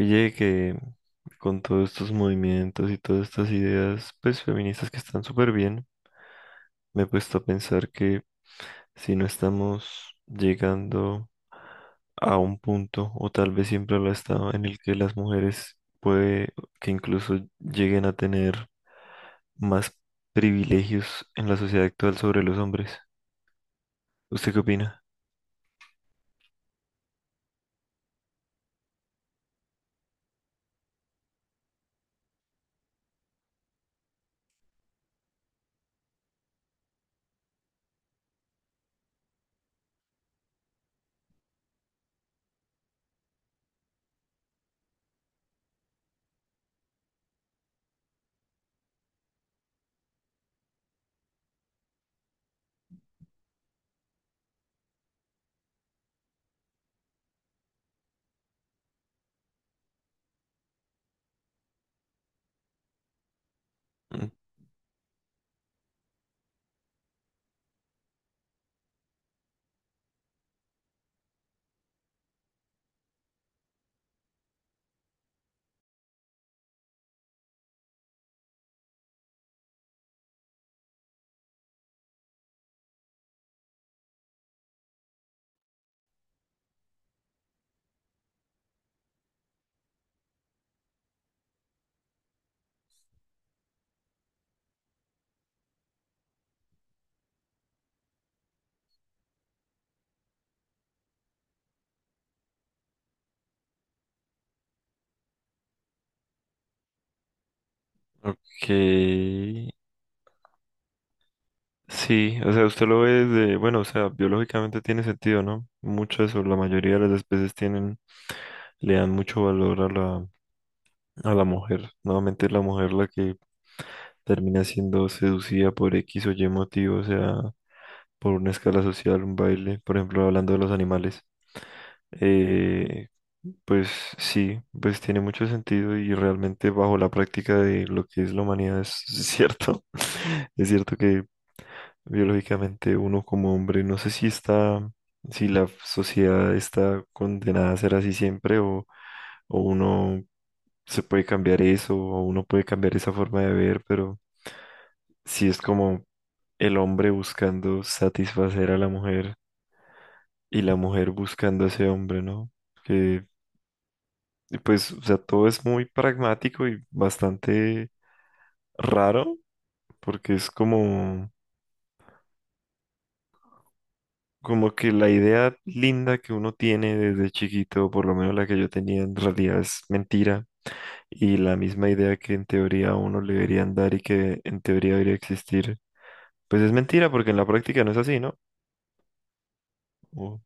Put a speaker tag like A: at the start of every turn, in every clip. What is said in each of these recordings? A: Oye, que con todos estos movimientos y todas estas ideas, pues feministas que están súper bien, me he puesto a pensar que si no estamos llegando a un punto, o tal vez siempre lo ha estado, en el que las mujeres puede que incluso lleguen a tener más privilegios en la sociedad actual sobre los hombres. ¿Usted qué opina? Mm. Ok. Sí, o sea, usted lo ve desde, bueno, o sea, biológicamente tiene sentido, ¿no? Muchas o la mayoría de las especies tienen, le dan mucho valor a la mujer. Nuevamente es la mujer la que termina siendo seducida por X o Y motivo, o sea, por una escala social, un baile, por ejemplo, hablando de los animales. Eh, pues sí, pues tiene mucho sentido y realmente bajo la práctica de lo que es la humanidad es cierto. Es cierto que biológicamente uno como hombre. No sé si está, si la sociedad está condenada a ser así siempre o uno se puede cambiar eso o uno puede cambiar esa forma de ver, pero si es como el hombre buscando satisfacer a la mujer y la mujer buscando a ese hombre, ¿no? Que y pues, o sea, todo es muy pragmático y bastante raro porque es como... Como que la idea linda que uno tiene desde chiquito, por lo menos la que yo tenía, en realidad es mentira. Y la misma idea que en teoría a uno le deberían dar y que en teoría debería existir, pues es mentira porque en la práctica no es así, ¿no? O,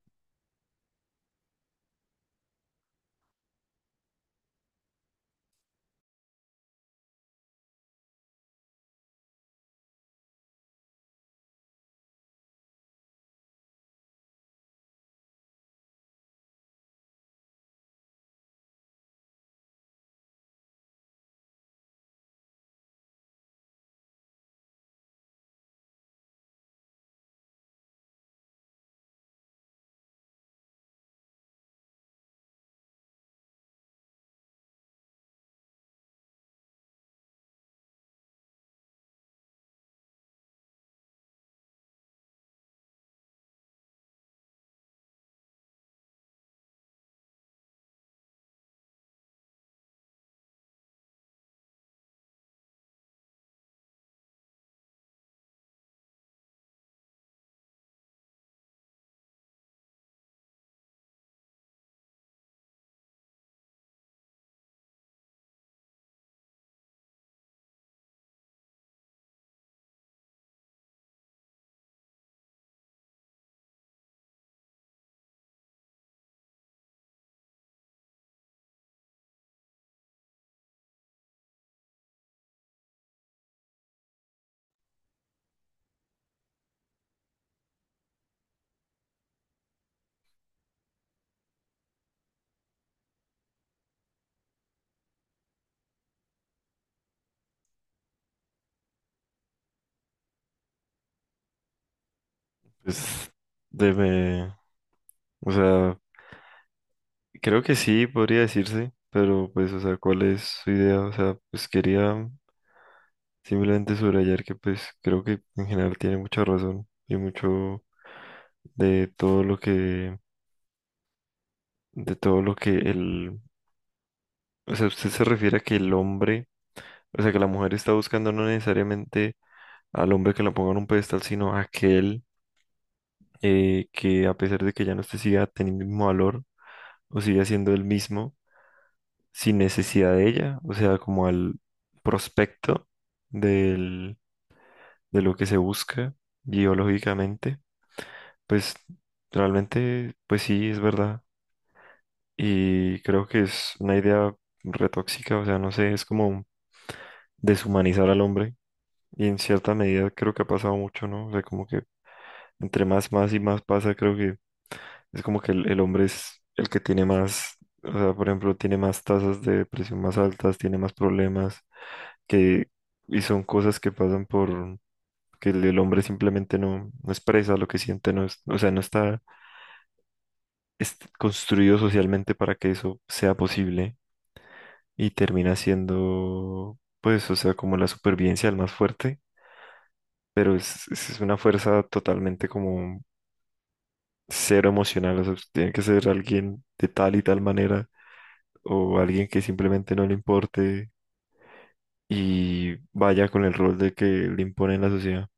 A: pues, debe, o sea, creo que sí, podría decirse, pero pues, o sea, ¿cuál es su idea? O sea, pues quería simplemente subrayar que pues creo que en general tiene mucha razón y mucho de todo lo que de todo lo que el, o sea, usted se refiere a que el hombre, o sea, que la mujer está buscando no necesariamente al hombre que la ponga en un pedestal, sino a aquel que a pesar de que ya no esté siga teniendo el mismo valor o siga siendo el mismo sin necesidad de ella, o sea, como al prospecto del, de lo que se busca biológicamente, pues realmente, pues sí, es verdad. Y creo que es una idea retóxica, o sea, no sé, es como deshumanizar al hombre y en cierta medida creo que ha pasado mucho, ¿no? O sea, como que entre más, más y más pasa, creo que es como que el hombre es el que tiene más, o sea, por ejemplo, tiene más tasas de depresión más altas, tiene más problemas, que, y son cosas que pasan por que el hombre simplemente no expresa lo que siente, no es- o sea, no está es construido socialmente para que eso sea posible y termina siendo, pues, o sea, como la supervivencia del más fuerte. Pero es una fuerza totalmente como cero emocional, o sea, usted tiene que ser alguien de tal y tal manera o alguien que simplemente no le importe y vaya con el rol de que le impone en la sociedad.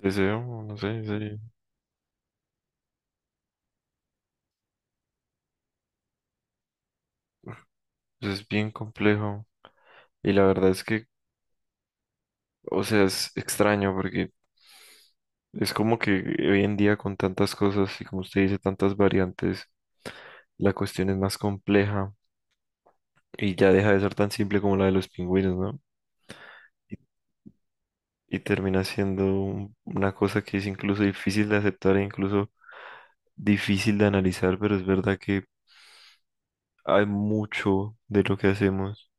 A: Deseo, no sé, sí, pues es bien complejo y la verdad es que, o sea, es extraño porque es como que hoy en día con tantas cosas y como usted dice, tantas variantes, la cuestión es más compleja y ya deja de ser tan simple como la de los pingüinos, ¿no? Y termina siendo un- una cosa que es incluso difícil de aceptar e incluso difícil de analizar, pero es verdad que hay mucho de lo que hacemos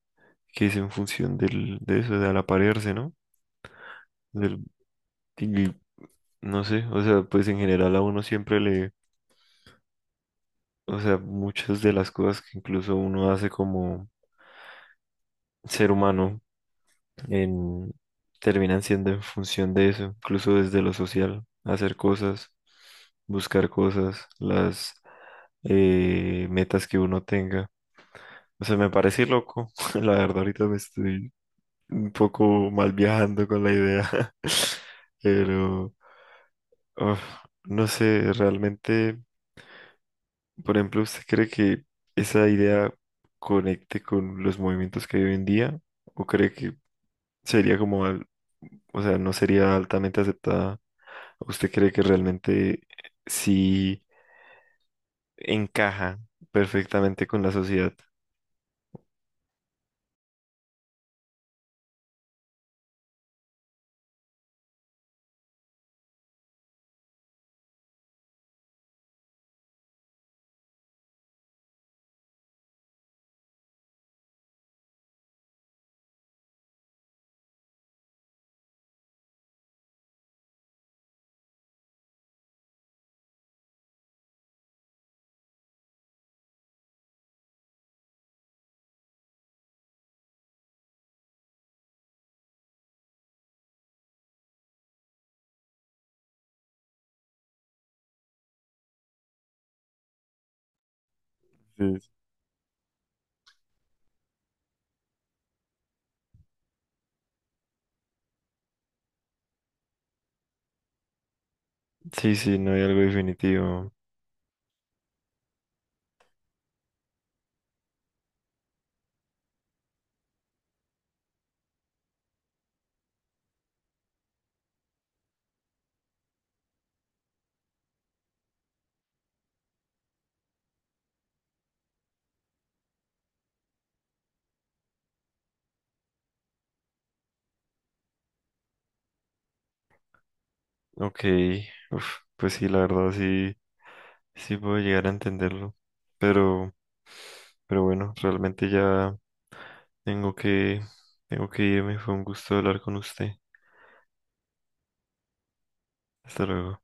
A: que es en función del, de eso, de al aparearse, ¿no? Del, y no sé, o sea, pues en general a uno siempre le, o sea, muchas de las cosas que incluso uno hace como ser humano en- terminan siendo en función de eso, incluso desde lo social, hacer cosas, buscar cosas, las metas que uno tenga. O sea, me parece loco, la verdad ahorita me estoy un poco mal viajando con la idea, pero uf, no sé, realmente, por ejemplo, ¿usted cree que esa idea conecte con los movimientos que hay hoy en día? ¿O cree que sería como, al- o sea, no sería altamente aceptada? ¿Usted cree que realmente sí encaja perfectamente con la sociedad? Sí, sí, sí, no hay algo definitivo. Ok, uf, pues sí, la verdad sí, sí puedo llegar a entenderlo. Pero, pero bueno, realmente ya tengo que, tengo que irme. Fue un gusto hablar con usted. Hasta luego.